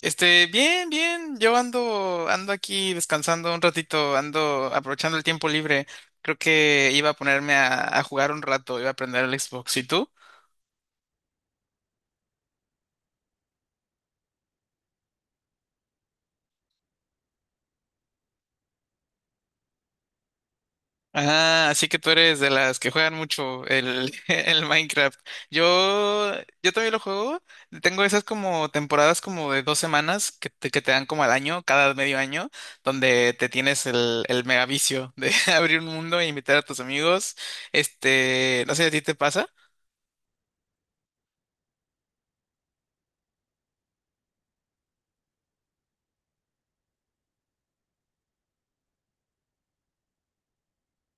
Bien, bien, yo ando, ando aquí descansando un ratito, ando aprovechando el tiempo libre. Creo que iba a ponerme a jugar un rato, iba a aprender el Xbox. ¿Y tú? Ah, así que tú eres de las que juegan mucho el Minecraft. Yo, yo también lo juego. Tengo esas como temporadas como de dos semanas que te dan como al año, cada medio año, donde te tienes el mega vicio de abrir un mundo e invitar a tus amigos. No sé, ¿a ti te pasa?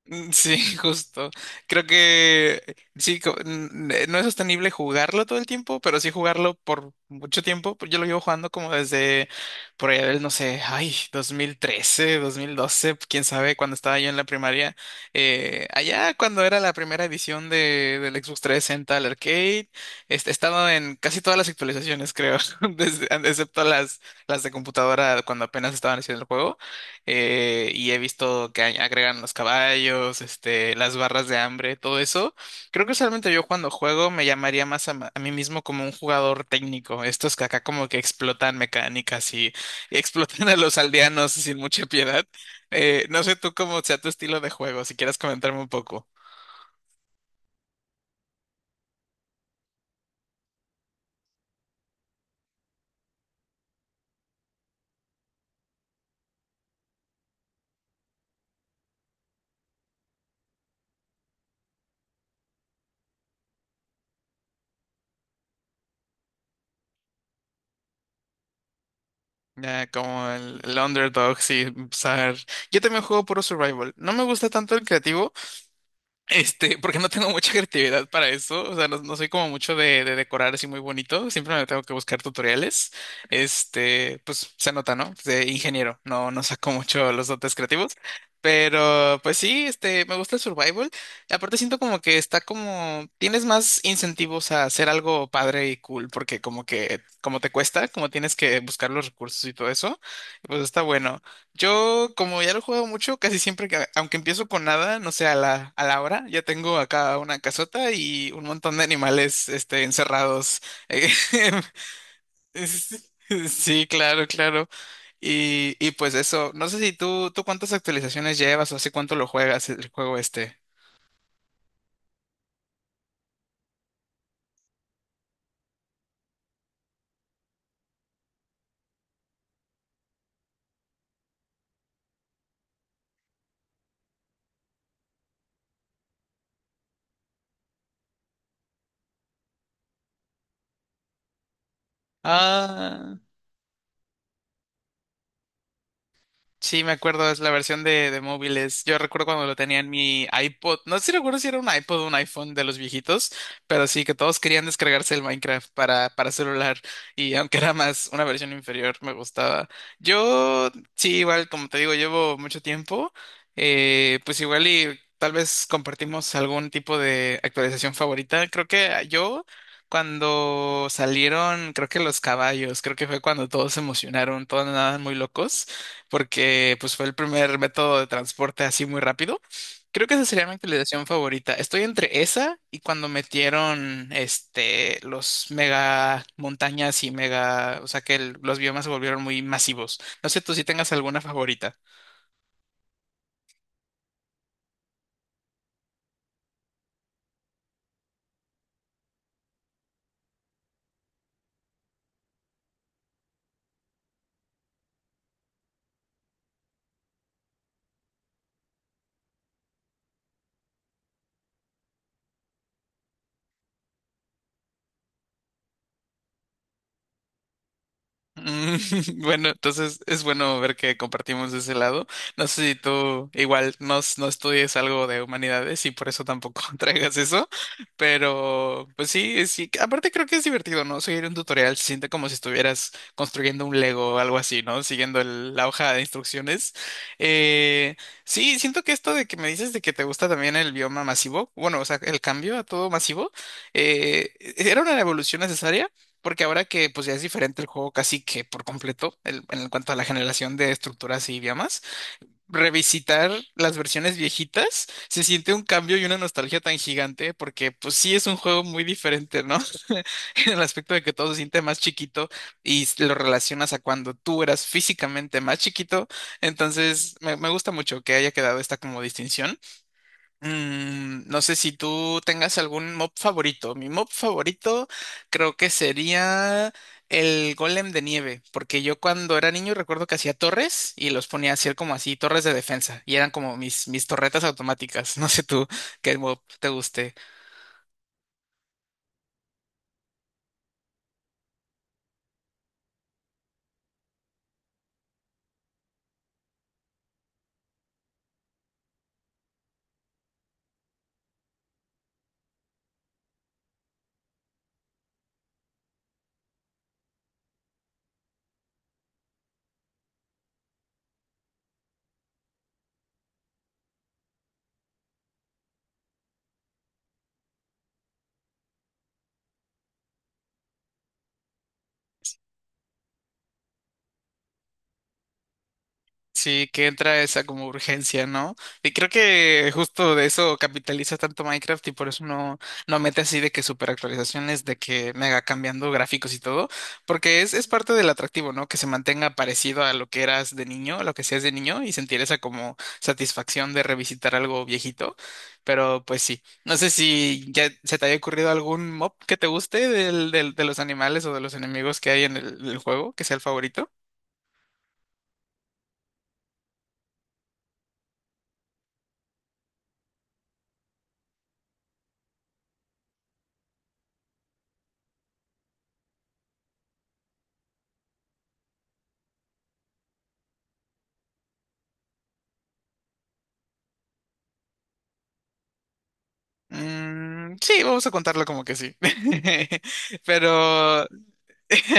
Mm, sí, justo. Creo que sí, no es sostenible jugarlo todo el tiempo, pero sí jugarlo por mucho tiempo. Pues yo lo llevo jugando como desde por allá del, no sé, ay, 2013, 2012, quién sabe, cuando estaba yo en la primaria. Allá cuando era la primera edición de, del Xbox 360 al arcade, estaba en casi todas las actualizaciones, creo, excepto las de computadora cuando apenas estaban haciendo el juego. Eh, y he visto que agregan los caballos, las barras de hambre, todo eso. Creo que solamente yo cuando juego me llamaría más a mí mismo como un jugador técnico, estos que acá como que explotan mecánicas y, y explotan a los aldeanos sin mucha piedad. No sé tú cómo sea tu estilo de juego, si quieres comentarme un poco. Ya, como el underdog, sí, usar. Yo también juego puro survival. No me gusta tanto el creativo. Porque no tengo mucha creatividad para eso, o sea, no, no soy como mucho de decorar así muy bonito, siempre me tengo que buscar tutoriales, pues se nota, ¿no? De ingeniero, no, no saco mucho los dotes creativos, pero pues sí, me gusta el survival, y aparte siento como que está como, tienes más incentivos a hacer algo padre y cool, porque como que, como te cuesta, como tienes que buscar los recursos y todo eso, pues está bueno. Yo, como ya lo juego mucho, casi siempre que, aunque empiezo con nada, no sé, a la hora, ya tengo acá una casota y un montón de animales, encerrados. Es- Sí, claro, claro. Y pues eso, no sé si tú cuántas actualizaciones llevas o hace cuánto lo juegas el juego este. Ah. Sí, me acuerdo, es la versión de móviles. Yo recuerdo cuando lo tenía en mi iPod. No sé si recuerdo si era un iPod o un iPhone de los viejitos, pero sí que todos querían descargarse el Minecraft para celular. Y aunque era más una versión inferior, me gustaba. Yo, sí, igual, como te digo, llevo mucho tiempo. Pues igual y tal vez compartimos algún tipo de actualización favorita. Creo que yo. Cuando salieron, creo que los caballos, creo que fue cuando todos se emocionaron, todos andaban muy locos porque pues fue el primer método de transporte así muy rápido. Creo que esa sería mi actualización favorita. Estoy entre esa y cuando metieron los mega montañas y mega, o sea que los biomas se volvieron muy masivos. No sé tú si tengas alguna favorita. Mm, bueno, entonces es bueno ver que compartimos ese lado. No sé si tú igual no, no estudies algo de humanidades y por eso tampoco traigas eso, pero pues sí, sí. Aparte creo que es divertido, ¿no? Seguir un tutorial se siente como si estuvieras construyendo un Lego o algo así, ¿no? Siguiendo la hoja de instrucciones. Eh, sí, siento que esto de que me dices de que te gusta también el bioma masivo, bueno, o sea, el cambio a todo masivo, ¿era una evolución necesaria? Porque ahora que pues ya es diferente el juego casi que por completo en cuanto a la generación de estructuras y idiomas, revisitar las versiones viejitas se siente un cambio y una nostalgia tan gigante porque pues sí es un juego muy diferente, ¿no? En el aspecto de que todo se siente más chiquito y lo relacionas a cuando tú eras físicamente más chiquito, entonces me gusta mucho que haya quedado esta como distinción. Mm, no sé si tú tengas algún mob favorito. Mi mob favorito creo que sería el Golem de Nieve, porque yo cuando era niño recuerdo que hacía torres y los ponía a hacer como así, torres de defensa, y eran como mis torretas automáticas. No sé tú qué mob te guste. Sí, que entra esa como urgencia, ¿no? Y creo que justo de eso capitaliza tanto Minecraft y por eso no mete así de que super actualizaciones, de que mega cambiando gráficos y todo, porque es parte del atractivo, ¿no? Que se mantenga parecido a lo que eras de niño, a lo que seas de niño y sentir esa como satisfacción de revisitar algo viejito, pero pues sí. No sé si ya se te haya ocurrido algún mob que te guste de los animales o de los enemigos que hay en el juego, que sea el favorito. Mm, sí, vamos a contarlo como que sí. Pero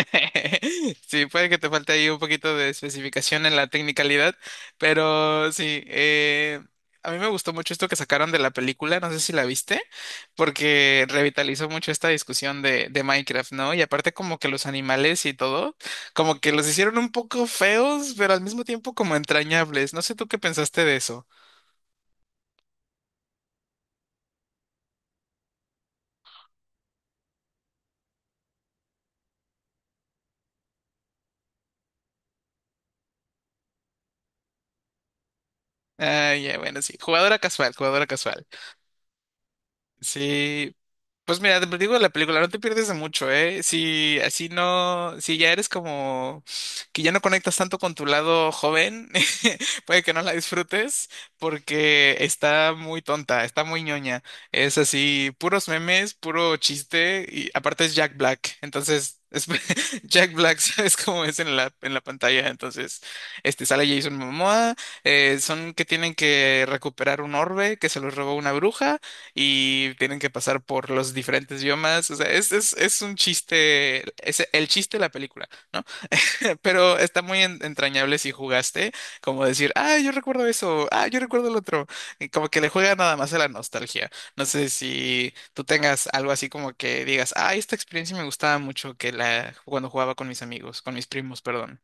sí, puede que te falte ahí un poquito de especificación en la tecnicalidad, pero sí, a mí me gustó mucho esto que sacaron de la película, no sé si la viste, porque revitalizó mucho esta discusión de Minecraft, ¿no? Y aparte como que los animales y todo, como que los hicieron un poco feos, pero al mismo tiempo como entrañables. No sé tú qué pensaste de eso. Ah, ya, bueno, sí. Jugadora casual, jugadora casual. Sí, pues mira, te digo la película, no te pierdes de mucho, ¿eh? Si así no, si ya eres como que ya no conectas tanto con tu lado joven, puede que no la disfrutes porque está muy tonta, está muy ñoña. Es así, puros memes, puro chiste y aparte es Jack Black, entonces es Jack Black, ¿sabes cómo es en en la pantalla? Entonces, sale Jason Momoa, son que tienen que recuperar un orbe que se los robó una bruja y tienen que pasar por los diferentes biomas. O sea, es un chiste, es el chiste de la película, ¿no? Pero está muy entrañable si jugaste, como decir, ah, yo recuerdo eso, ah, yo recuerdo el otro. Y como que le juega nada más a la nostalgia. No sé si tú tengas algo así como que digas, ah, esta experiencia me gustaba mucho que la cuando jugaba con mis amigos, con mis primos, perdón.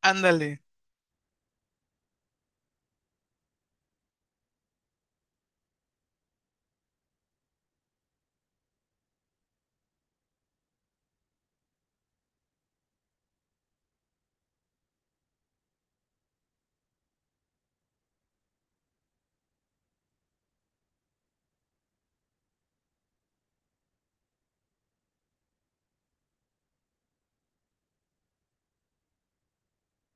Ándale.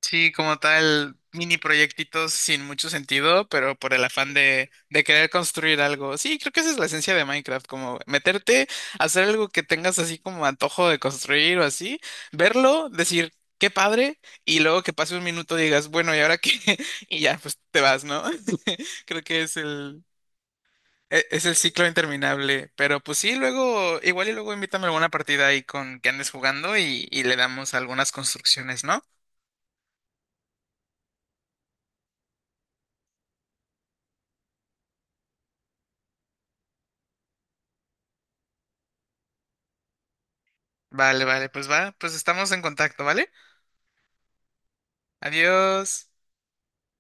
Sí, como tal, mini proyectitos sin mucho sentido, pero por el afán de querer construir algo. Sí, creo que esa es la esencia de Minecraft, como meterte, hacer algo que tengas así como antojo de construir o así, verlo, decir, qué padre, y luego que pase un minuto digas, bueno, ¿y ahora qué? Y ya, pues te vas, ¿no? Creo que es es el ciclo interminable. Pero pues sí, luego, igual y luego invítame a alguna partida ahí con que andes jugando y le damos algunas construcciones, ¿no? Vale, vale, pues va, pues estamos en contacto, ¿vale? Adiós.